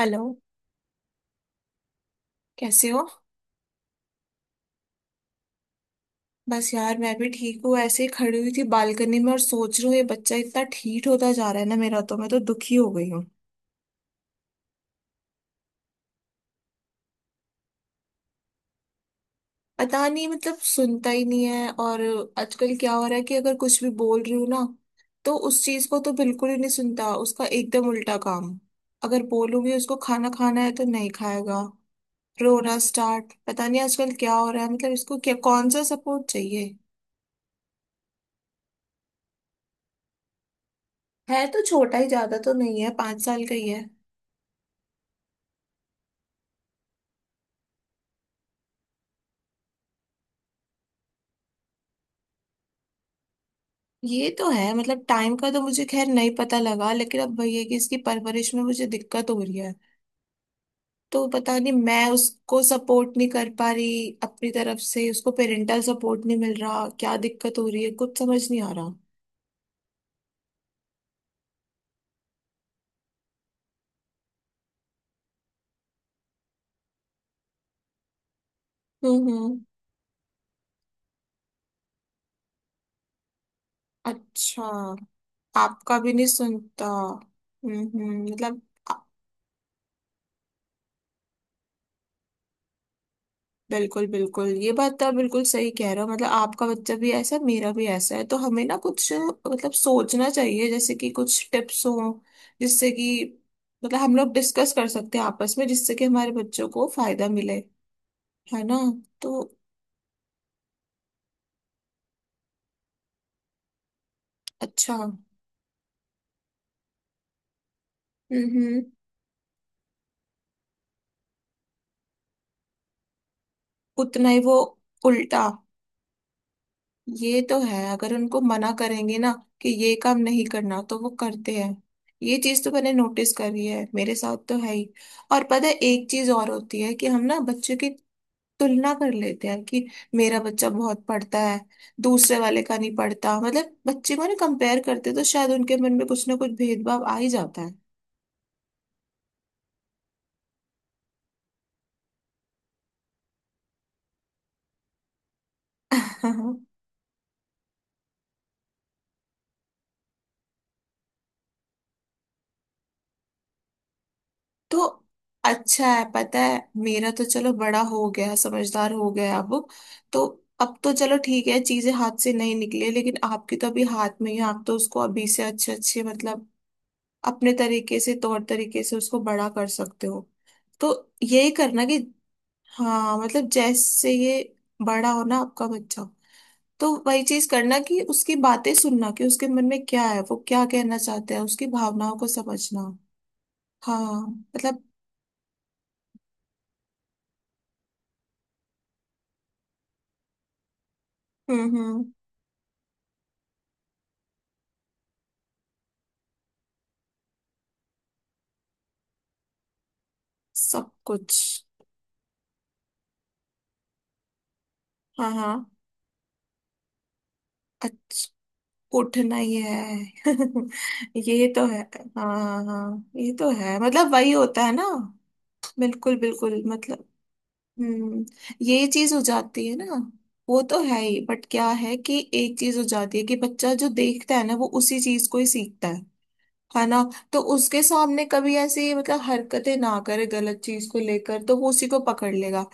Hello. कैसे हो। बस यार मैं भी ठीक हूँ, ऐसे ही खड़ी हुई थी बालकनी में और सोच रही हूँ ये बच्चा इतना ठीक होता जा रहा है ना, मेरा तो मैं तो दुखी हो गई हूँ। पता नहीं, मतलब सुनता ही नहीं है। और आजकल क्या हो रहा है कि अगर कुछ भी बोल रही हूँ ना, तो उस चीज को तो बिल्कुल ही नहीं सुनता, उसका एकदम उल्टा काम। अगर बोलूंगी उसको खाना खाना है तो नहीं खाएगा। रोना स्टार्ट। पता नहीं आजकल क्या हो रहा है, मतलब इसको क्या कौन सा सपोर्ट चाहिए। है तो छोटा ही, ज्यादा तो नहीं है, पांच साल का ही है। ये तो है, मतलब टाइम का तो मुझे खैर नहीं पता लगा, लेकिन अब वही है कि इसकी परवरिश में मुझे दिक्कत हो रही है। तो पता नहीं मैं उसको सपोर्ट नहीं कर पा रही अपनी तरफ से, उसको पेरेंटल सपोर्ट नहीं मिल रहा, क्या दिक्कत हो रही है कुछ समझ नहीं आ रहा। हम्म। अच्छा, आपका भी नहीं सुनता। हम्म। मतलब बिल्कुल बिल्कुल, ये बात तो आप बिल्कुल सही कह रहे हो। मतलब आपका बच्चा भी ऐसा है, मेरा भी ऐसा है, तो हमें ना कुछ मतलब सोचना चाहिए, जैसे कि कुछ टिप्स हो जिससे कि मतलब हम लोग डिस्कस कर सकते हैं आपस में, जिससे कि हमारे बच्चों को फायदा मिले। है ना। तो अच्छा। हम्म। उतना ही वो उल्टा। ये तो है, अगर उनको मना करेंगे ना कि ये काम नहीं करना, तो वो करते हैं। ये चीज तो मैंने नोटिस करी है, मेरे साथ तो है ही। और पता है एक चीज और होती है कि हम ना बच्चों की तुलना कर लेते हैं कि मेरा बच्चा बहुत पढ़ता है, दूसरे वाले का नहीं पढ़ता, मतलब बच्चे को ना कंपेयर करते हैं, तो शायद उनके मन में कुछ ना कुछ भेदभाव आ ही जाता है। तो अच्छा है, पता है, मेरा तो चलो बड़ा हो गया, समझदार हो गया अब। तो अब तो चलो ठीक है, चीजें हाथ से नहीं निकले, लेकिन आपकी तो अभी हाथ में ही है, आप तो उसको अभी से अच्छे अच्छे, मतलब अपने तरीके से, तौर तरीके से उसको बड़ा कर सकते हो। तो यही करना कि हाँ, मतलब जैसे ये बड़ा हो ना आपका बच्चा, तो वही चीज करना कि उसकी बातें सुनना कि उसके मन में क्या है, वो क्या कहना चाहता है, उसकी भावनाओं को समझना। हाँ मतलब। हम्म। सब कुछ। हाँ हाँ। अच्छा, उठना ही है। ये तो है। हाँ हाँ हाँ, ये तो है, मतलब वही होता है ना। बिल्कुल बिल्कुल, मतलब हम्म ये चीज हो जाती है ना। वो तो है ही, बट क्या है कि एक चीज हो जाती है कि बच्चा जो देखता है ना, वो उसी चीज को ही सीखता है। है ना। तो उसके सामने कभी ऐसी मतलब हरकतें ना करे गलत चीज को लेकर, तो वो उसी को पकड़ लेगा।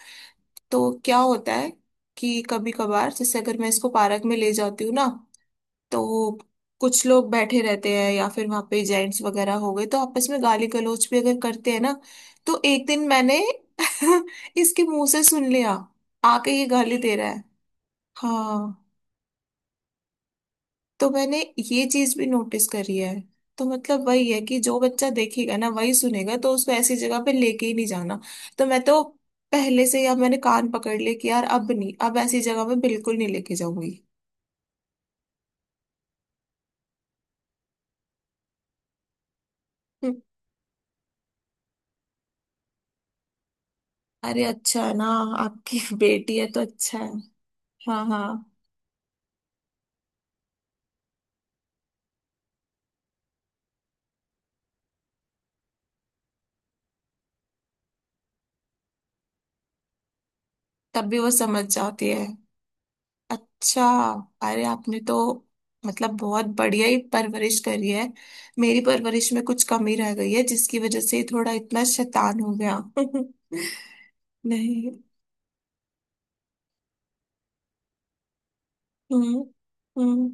तो क्या होता है कि कभी कभार जैसे अगर मैं इसको पार्क में ले जाती हूँ ना, तो कुछ लोग बैठे रहते हैं, या फिर वहां पे जेंट्स वगैरह हो गए तो आपस में गाली गलौज भी अगर करते हैं ना, तो एक दिन मैंने इसके मुंह से सुन लिया, आके ये गाली दे रहा है। हाँ, तो मैंने ये चीज भी नोटिस करी है। तो मतलब वही है कि जो बच्चा देखेगा ना वही सुनेगा, तो उसको ऐसी जगह पे लेके ही नहीं जाना। तो मैं तो पहले से ही अब मैंने कान पकड़ लिए कि यार अब नहीं, अब ऐसी जगह पे बिल्कुल नहीं लेके जाऊंगी। हम्म। अरे अच्छा है ना, आपकी बेटी है तो अच्छा है। हाँ हाँ। तब भी वो समझ जाती है। अच्छा, अरे आपने तो मतलब बहुत बढ़िया ही परवरिश करी है। मेरी परवरिश में कुछ कमी रह गई है जिसकी वजह से ये थोड़ा इतना शैतान हो गया। नहीं। हम्म हम्म।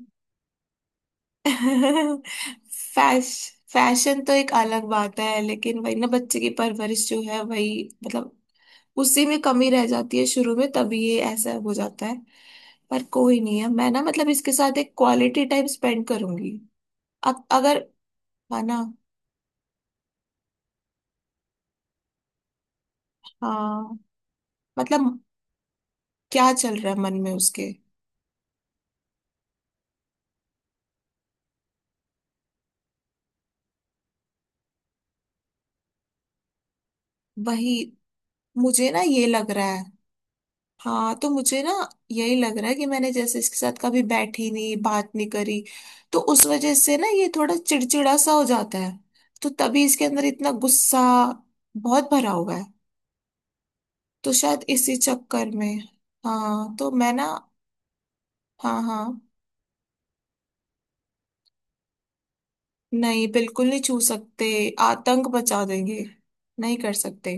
फैश फैशन तो एक अलग बात है, लेकिन वही ना बच्चे की परवरिश जो है वही, मतलब उसी में कमी रह जाती है शुरू में, तभी ये ऐसा हो जाता है। पर कोई नहीं है, मैं ना मतलब इसके साथ एक क्वालिटी टाइम स्पेंड करूंगी। अब अगर है ना। हाँ मतलब क्या चल रहा है मन में उसके। वही, मुझे ना ये लग रहा है। हाँ तो मुझे ना यही लग रहा है कि मैंने जैसे इसके साथ कभी बैठी नहीं, बात नहीं करी, तो उस वजह से ना ये थोड़ा चिड़चिड़ा सा हो जाता है। तो तभी इसके अंदर इतना गुस्सा बहुत भरा हुआ है। तो शायद इसी चक्कर में। हाँ तो मैं ना। हाँ हाँ। नहीं बिल्कुल, नहीं छू सकते, आतंक बचा देंगे। नहीं कर सकते।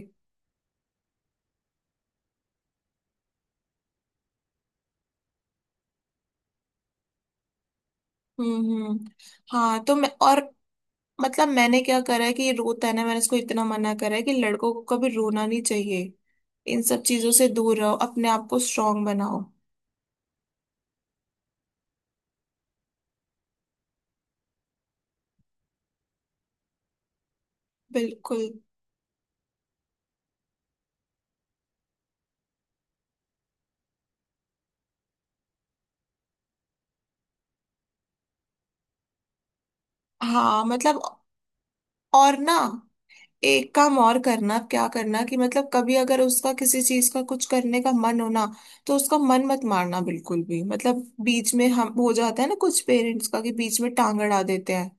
हम्म हम्म। हाँ तो मैं, और मतलब मैंने क्या करा है कि ये रोता है ना, मैंने इसको इतना मना करा है कि लड़कों को कभी रोना नहीं चाहिए, इन सब चीजों से दूर रहो, अपने आप को स्ट्रांग बनाओ। बिल्कुल। हाँ मतलब और ना एक काम और करना, क्या करना कि मतलब कभी अगर उसका किसी चीज का कुछ करने का मन हो ना, तो उसका मन मत मारना बिल्कुल भी। मतलब बीच में, हम हो जाता है ना कुछ पेरेंट्स का कि बीच में टांग अड़ा देते हैं,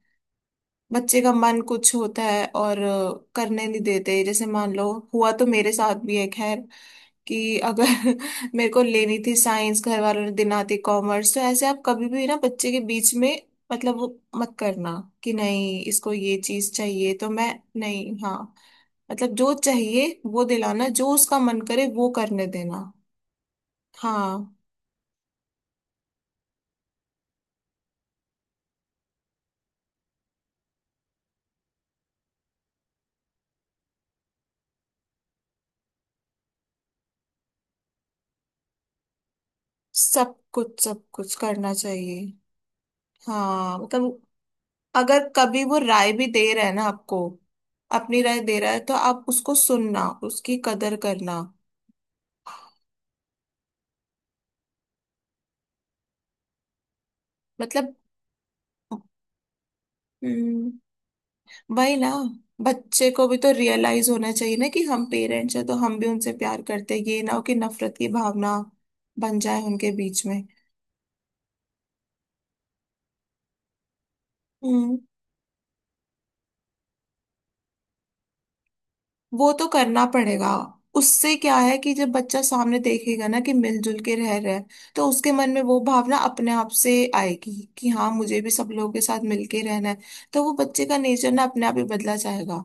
बच्चे का मन कुछ होता है और करने नहीं देते, जैसे मान लो हुआ तो मेरे साथ भी है खैर कि अगर मेरे को लेनी थी साइंस, घर वालों ने दिलाती कॉमर्स, तो ऐसे आप कभी भी ना बच्चे के बीच में, मतलब वो मत करना कि नहीं इसको ये चीज चाहिए, तो मैं नहीं। हाँ मतलब जो चाहिए वो दिलाना, जो उसका मन करे वो करने देना। हाँ, सब कुछ, सब कुछ करना चाहिए। हाँ मतलब अगर कभी वो राय भी दे रहा है ना आपको, अपनी राय दे रहा है, तो आप उसको सुनना, उसकी कदर करना। मतलब हम्म, वही ना, बच्चे को भी तो रियलाइज होना चाहिए ना कि हम पेरेंट्स हैं तो हम भी उनसे प्यार करते हैं, ये ना हो कि नफरत की भावना बन जाए उनके बीच में। हम्म। वो तो करना पड़ेगा। उससे क्या है कि जब बच्चा सामने देखेगा ना कि मिलजुल के रह रहे हैं, तो उसके मन में वो भावना अपने आप से आएगी कि हाँ मुझे भी सब लोगों के साथ मिलके रहना है। तो वो बच्चे का नेचर ना अपने आप ही बदला जाएगा।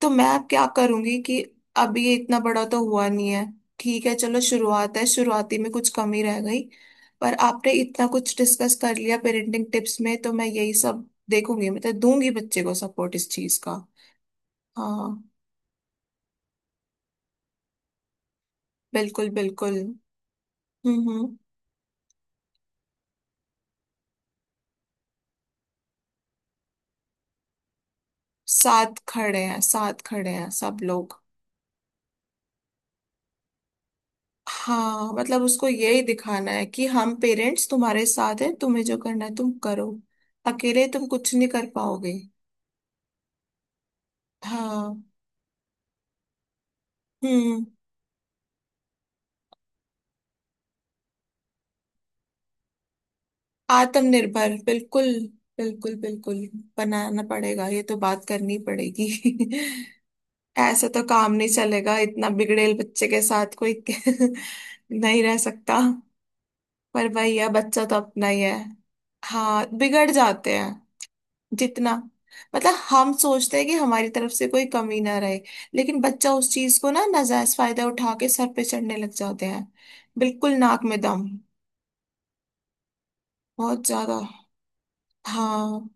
तो मैं अब क्या करूंगी कि अब ये इतना बड़ा तो हुआ नहीं है, ठीक है चलो शुरुआत है, शुरुआती में कुछ कमी रह गई, पर आपने इतना कुछ डिस्कस कर लिया पेरेंटिंग टिप्स में, तो मैं यही सब देखूंगी, मतलब दूंगी बच्चे को सपोर्ट इस चीज का। हाँ। बिल्कुल बिल्कुल। हम्म। साथ खड़े हैं, साथ खड़े हैं सब लोग। हाँ मतलब उसको यही दिखाना है कि हम पेरेंट्स तुम्हारे साथ हैं, तुम्हें जो करना है तुम करो, अकेले तुम कुछ नहीं कर पाओगे। हाँ। हम्म। आत्मनिर्भर बिल्कुल। बिल्कुल बिल्कुल, बनाना पड़ेगा, ये तो बात करनी पड़ेगी। ऐसे तो काम नहीं चलेगा इतना बिगड़ेल बच्चे के साथ कोई नहीं रह सकता। पर वही है, बच्चा तो अपना ही है। हाँ, बिगड़ जाते हैं जितना, मतलब हम सोचते हैं कि हमारी तरफ से कोई कमी ना रहे, लेकिन बच्चा उस चीज को ना नाजायज फायदा उठा के सर पे चढ़ने लग जाते हैं, बिल्कुल नाक में दम, बहुत ज्यादा। हाँ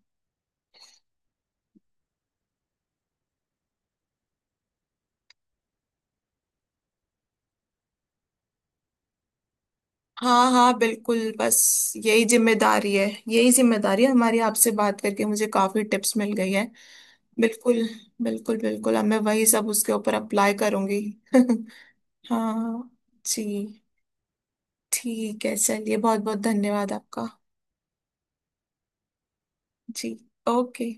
हाँ हाँ बिल्कुल, बस यही जिम्मेदारी है, यही जिम्मेदारी है हमारी, आपसे बात करके मुझे काफी टिप्स मिल गई है। बिल्कुल, बिल्कुल बिल्कुल, अब मैं वही सब उसके ऊपर अप्लाई करूंगी। हाँ। जी। ठीक है, चलिए, बहुत बहुत धन्यवाद आपका। जी। ओके।